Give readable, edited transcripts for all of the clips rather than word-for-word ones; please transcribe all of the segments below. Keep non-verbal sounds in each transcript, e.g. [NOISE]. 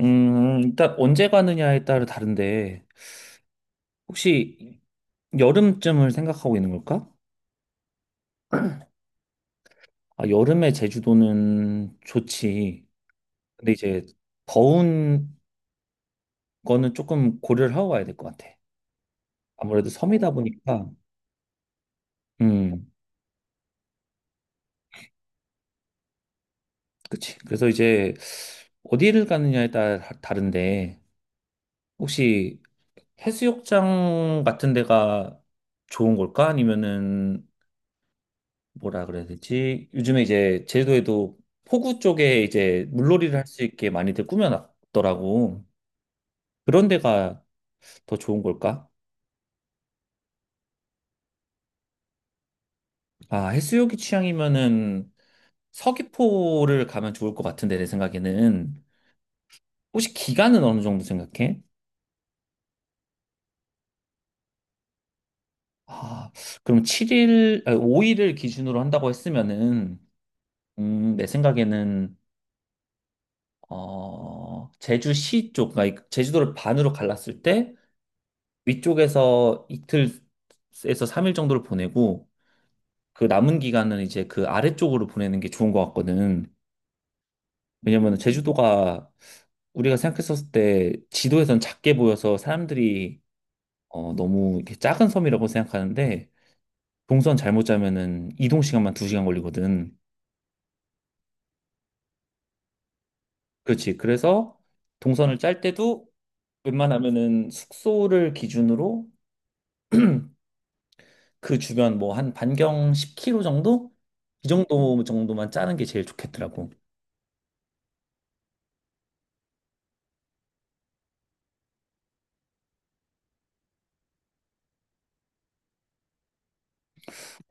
일단 언제 가느냐에 따라 다른데, 혹시 여름쯤을 생각하고 있는 걸까? 아, 여름에 제주도는 좋지. 근데 이제 더운 거는 조금 고려를 하고 가야 될 것 같아. 아무래도 섬이다 보니까, 음, 그치. 그래서 이제 어디를 가느냐에 따라 다른데, 혹시 해수욕장 같은 데가 좋은 걸까? 아니면은 뭐라 그래야 되지? 요즘에 이제 제주도에도 포구 쪽에 이제 물놀이를 할 수 있게 많이들 꾸며놨더라고. 그런 데가 더 좋은 걸까? 아, 해수욕이 취향이면은 서귀포를 가면 좋을 것 같은데, 내 생각에는. 혹시 기간은 어느 정도 생각해? 아, 그럼 7일, 아, 5일을 기준으로 한다고 했으면은, 내 생각에는, 제주시 쪽, 그러니까 제주도를 반으로 갈랐을 때, 위쪽에서 이틀에서 3일 정도를 보내고 그 남은 기간은 이제 그 아래쪽으로 보내는 게 좋은 것 같거든. 왜냐면 제주도가 우리가 생각했었을 때 지도에선 작게 보여서 사람들이 너무 이렇게 작은 섬이라고 생각하는데 동선 잘못 짜면은 이동 시간만 2시간 걸리거든. 그렇지. 그래서 동선을 짤 때도 웬만하면은 숙소를 기준으로 그 주변 뭐 한 반경 10km 정도? 이 정도 정도만 짜는 게 제일 좋겠더라고.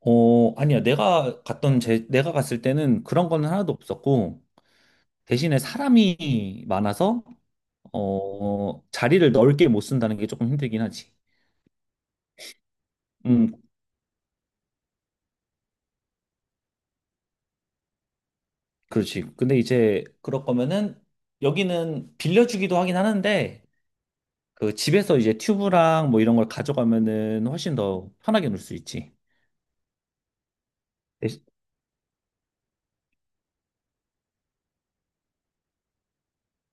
어, 아니야. 내가 갔던 내가 갔을 때는 그런 거는 하나도 없었고, 대신에 사람이 많아서, 자리를 넓게 못 쓴다는 게 조금 힘들긴 하지. 음, 그렇지. 근데 이제, 그럴 거면은, 여기는 빌려주기도 하긴 하는데, 그 집에서 이제 튜브랑 뭐 이런 걸 가져가면은 훨씬 더 편하게 놀 수 있지.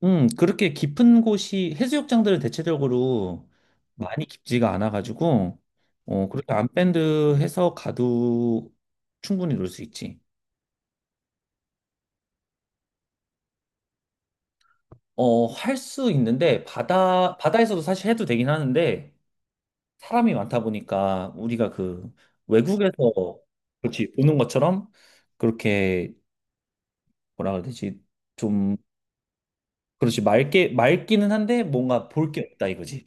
그렇게 깊은 곳이 해수욕장들은 대체적으로 많이 깊지가 않아가지고 그렇게 암밴드해서 가도 충분히 놀 수 있지. 할 수 있는데 바다 바다에서도 사실 해도 되긴 하는데 사람이 많다 보니까 우리가 그 외국에서 그렇지 보는 것처럼 그렇게 뭐라 그래야 되지? 좀 그렇지 맑게 맑기는 한데 뭔가 볼 게 없다 이거지.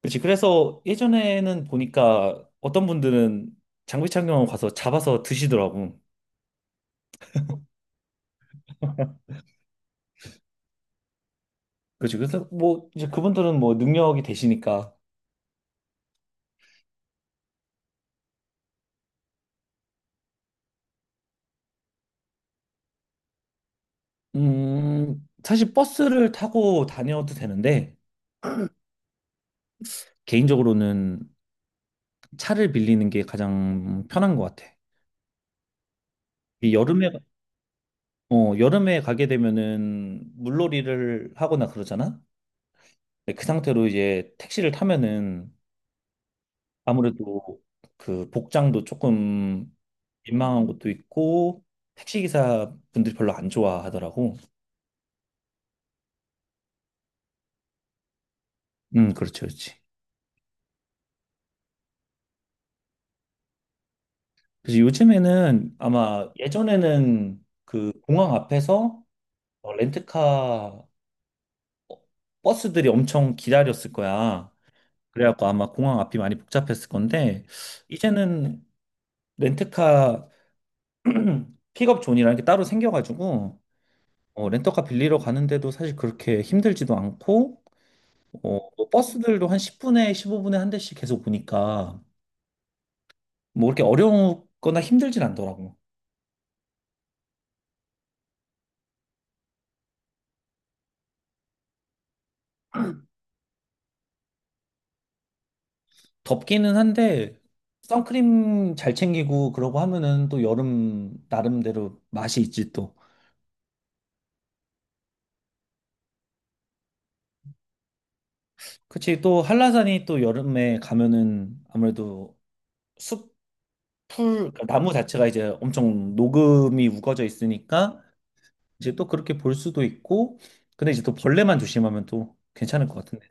그렇지. 그래서 예전에는 보니까 어떤 분들은 장비 착용하고 가서 잡아서 드시더라고. 그렇지. 그래서 뭐 이제 그분들은 뭐 능력이 되시니까 사실 버스를 타고 다녀도 되는데 개인적으로는 차를 빌리는 게 가장 편한 것 같아. 이 여름에 여름에 가게 되면은 물놀이를 하거나 그러잖아. 네, 그 상태로 이제 택시를 타면은 아무래도 그 복장도 조금 민망한 것도 있고 택시기사 분들이 별로 안 좋아하더라고. 그렇죠, 그렇지. 그래서 요즘에는 아마 예전에는 공항 앞에서 렌트카 버스들이 엄청 기다렸을 거야. 그래갖고 아마 공항 앞이 많이 복잡했을 건데 이제는 렌트카 [CLEARS THROAT] 픽업 존이라는 게 따로 생겨가지고 렌터카 빌리러 가는데도 사실 그렇게 힘들지도 않고 뭐 버스들도 한 10분에 15분에 한 대씩 계속 보니까 뭐 그렇게 어려우거나 힘들진 않더라고. 덥기는 한데 선크림 잘 챙기고 그러고 하면은 또 여름 나름대로 맛이 있지 또. 그치 또 한라산이 또 여름에 가면은 아무래도 숲풀 그러니까 나무 자체가 이제 엄청 녹음이 우거져 있으니까 이제 또 그렇게 볼 수도 있고 근데 이제 또 벌레만 조심하면 또 괜찮을 것 같은데.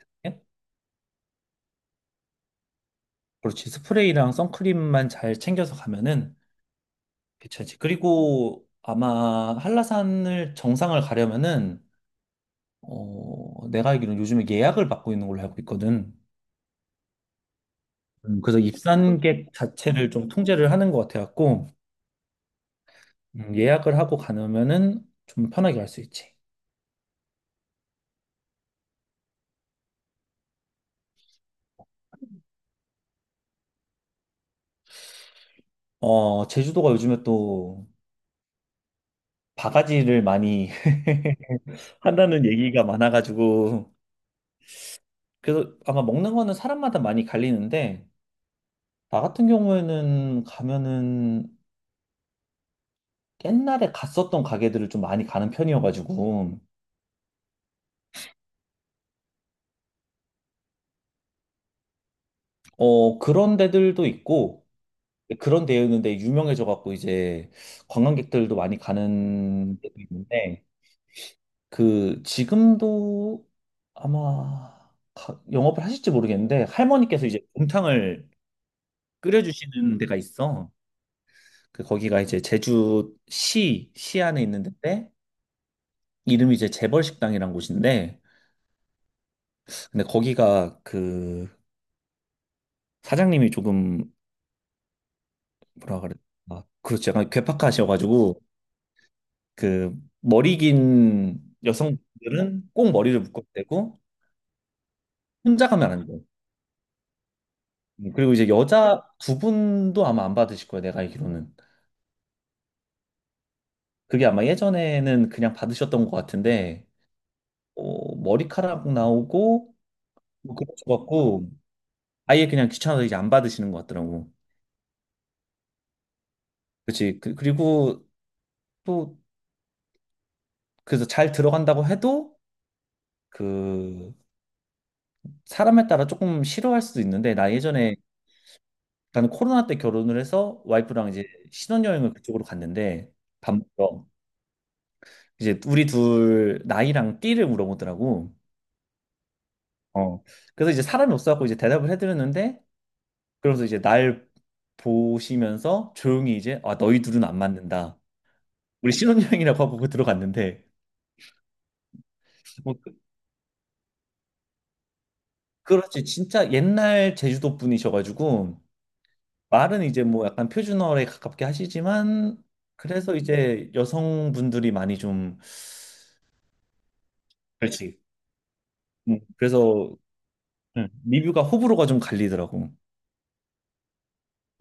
그렇지. 스프레이랑 선크림만 잘 챙겨서 가면은 괜찮지. 그리고 아마 한라산을 정상을 가려면은 내가 알기로는 요즘에 예약을 받고 있는 걸로 알고 있거든. 그래서 입산객 자체를 좀 통제를 하는 것 같아갖고 예약을 하고 가면은 좀 편하게 갈 수 있지. 제주도가 요즘에 또 바가지를 많이 [LAUGHS] 한다는 얘기가 많아가지고 그래서 아마 먹는 거는 사람마다 많이 갈리는데 나 같은 경우에는 가면은 옛날에 갔었던 가게들을 좀 많이 가는 편이어가지고, 그런 데들도 있고, 그런 데였는데 유명해져갖고 이제 관광객들도 많이 가는 데도 있는데, 그, 지금도 아마 영업을 하실지 모르겠는데, 할머니께서 이제 곰탕을 끓여주시는 데가 있어. 그, 거기가 이제 제주시, 시 안에 있는 데인데, 이름이 이제 재벌식당이란 곳인데, 근데 거기가 그 사장님이 조금 뭐라 그래 아 그렇죠 약간 괴팍하셔가지고 그 머리 긴 여성들은 꼭 머리를 묶어야 되고 혼자 가면 안 돼요. 그리고 이제 여자 두 분도 아마 안 받으실 거예요. 내가 알기로는 그게 아마 예전에는 그냥 받으셨던 것 같은데 머리카락 나오고 뭐 그런 것 같고 아예 그냥 귀찮아서 이제 안 받으시는 것 같더라고. 그렇지. 그리고 또 그래서 잘 들어간다고 해도 그 사람에 따라 조금 싫어할 수도 있는데 나 예전에 나는 코로나 때 결혼을 해서 와이프랑 이제 신혼여행을 그쪽으로 갔는데 밥 먹으러 이제 우리 둘 나이랑 띠를 물어보더라고. 어. 그래서 이제 사람이 없어갖고 이제 대답을 해드렸는데 그러면서 이제 날 보시면서 조용히 이제 아 너희 둘은 안 맞는다. 우리 신혼여행이라고 하고 들어갔는데 뭐 그렇지 진짜 옛날 제주도 분이셔가지고 말은 이제 뭐 약간 표준어에 가깝게 하시지만 그래서 이제 여성분들이 많이 좀 그렇지. 그래서 리뷰가 호불호가 좀 갈리더라고.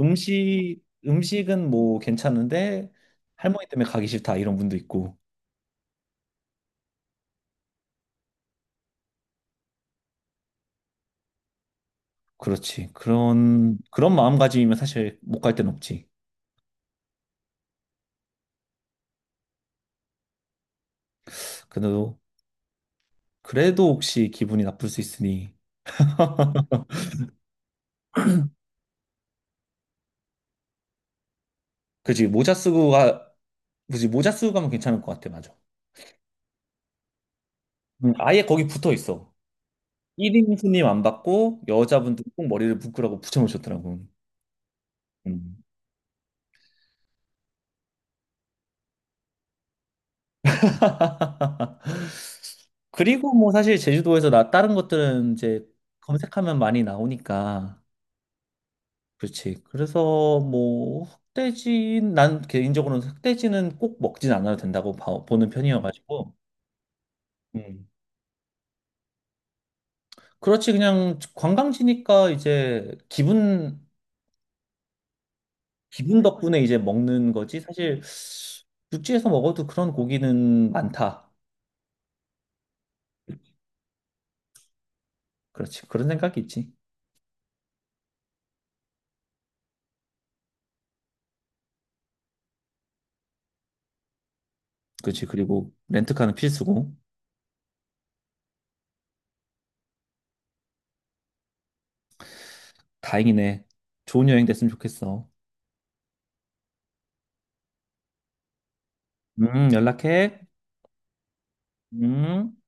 음식은 뭐 괜찮은데 할머니 때문에 가기 싫다 이런 분도 있고. 그렇지. 그런 마음가짐이면 사실 못 갈 데는 없지. 그래도 그래도 혹시 기분이 나쁠 수 있으니 그지 모자 쓰고 가 그지 모자 쓰고 가면 괜찮을 것 같아. 맞아. 아예 거기 붙어 있어. 1인 손님 안 받고 여자분들 꼭 머리를 묶으라고 붙여놓으셨더라고. 음. 그리고 뭐 사실 제주도에서 나 다른 것들은 이제 검색하면 많이 나오니까. 그렇지. 그래서 뭐 흑돼지 난 개인적으로는 흑돼지는 꼭 먹진 않아도 된다고 보는 편이어가지고. 음. 그렇지 그냥 관광지니까 이제 기분 덕분에 이제 먹는 거지. 사실 육지에서 먹어도 그런 고기는 많다. 그렇지. 그런 생각이 있지. 그치. 그리고 렌트카는 필수고. 다행이네. 좋은 여행 됐으면 좋겠어. 연락해. 음.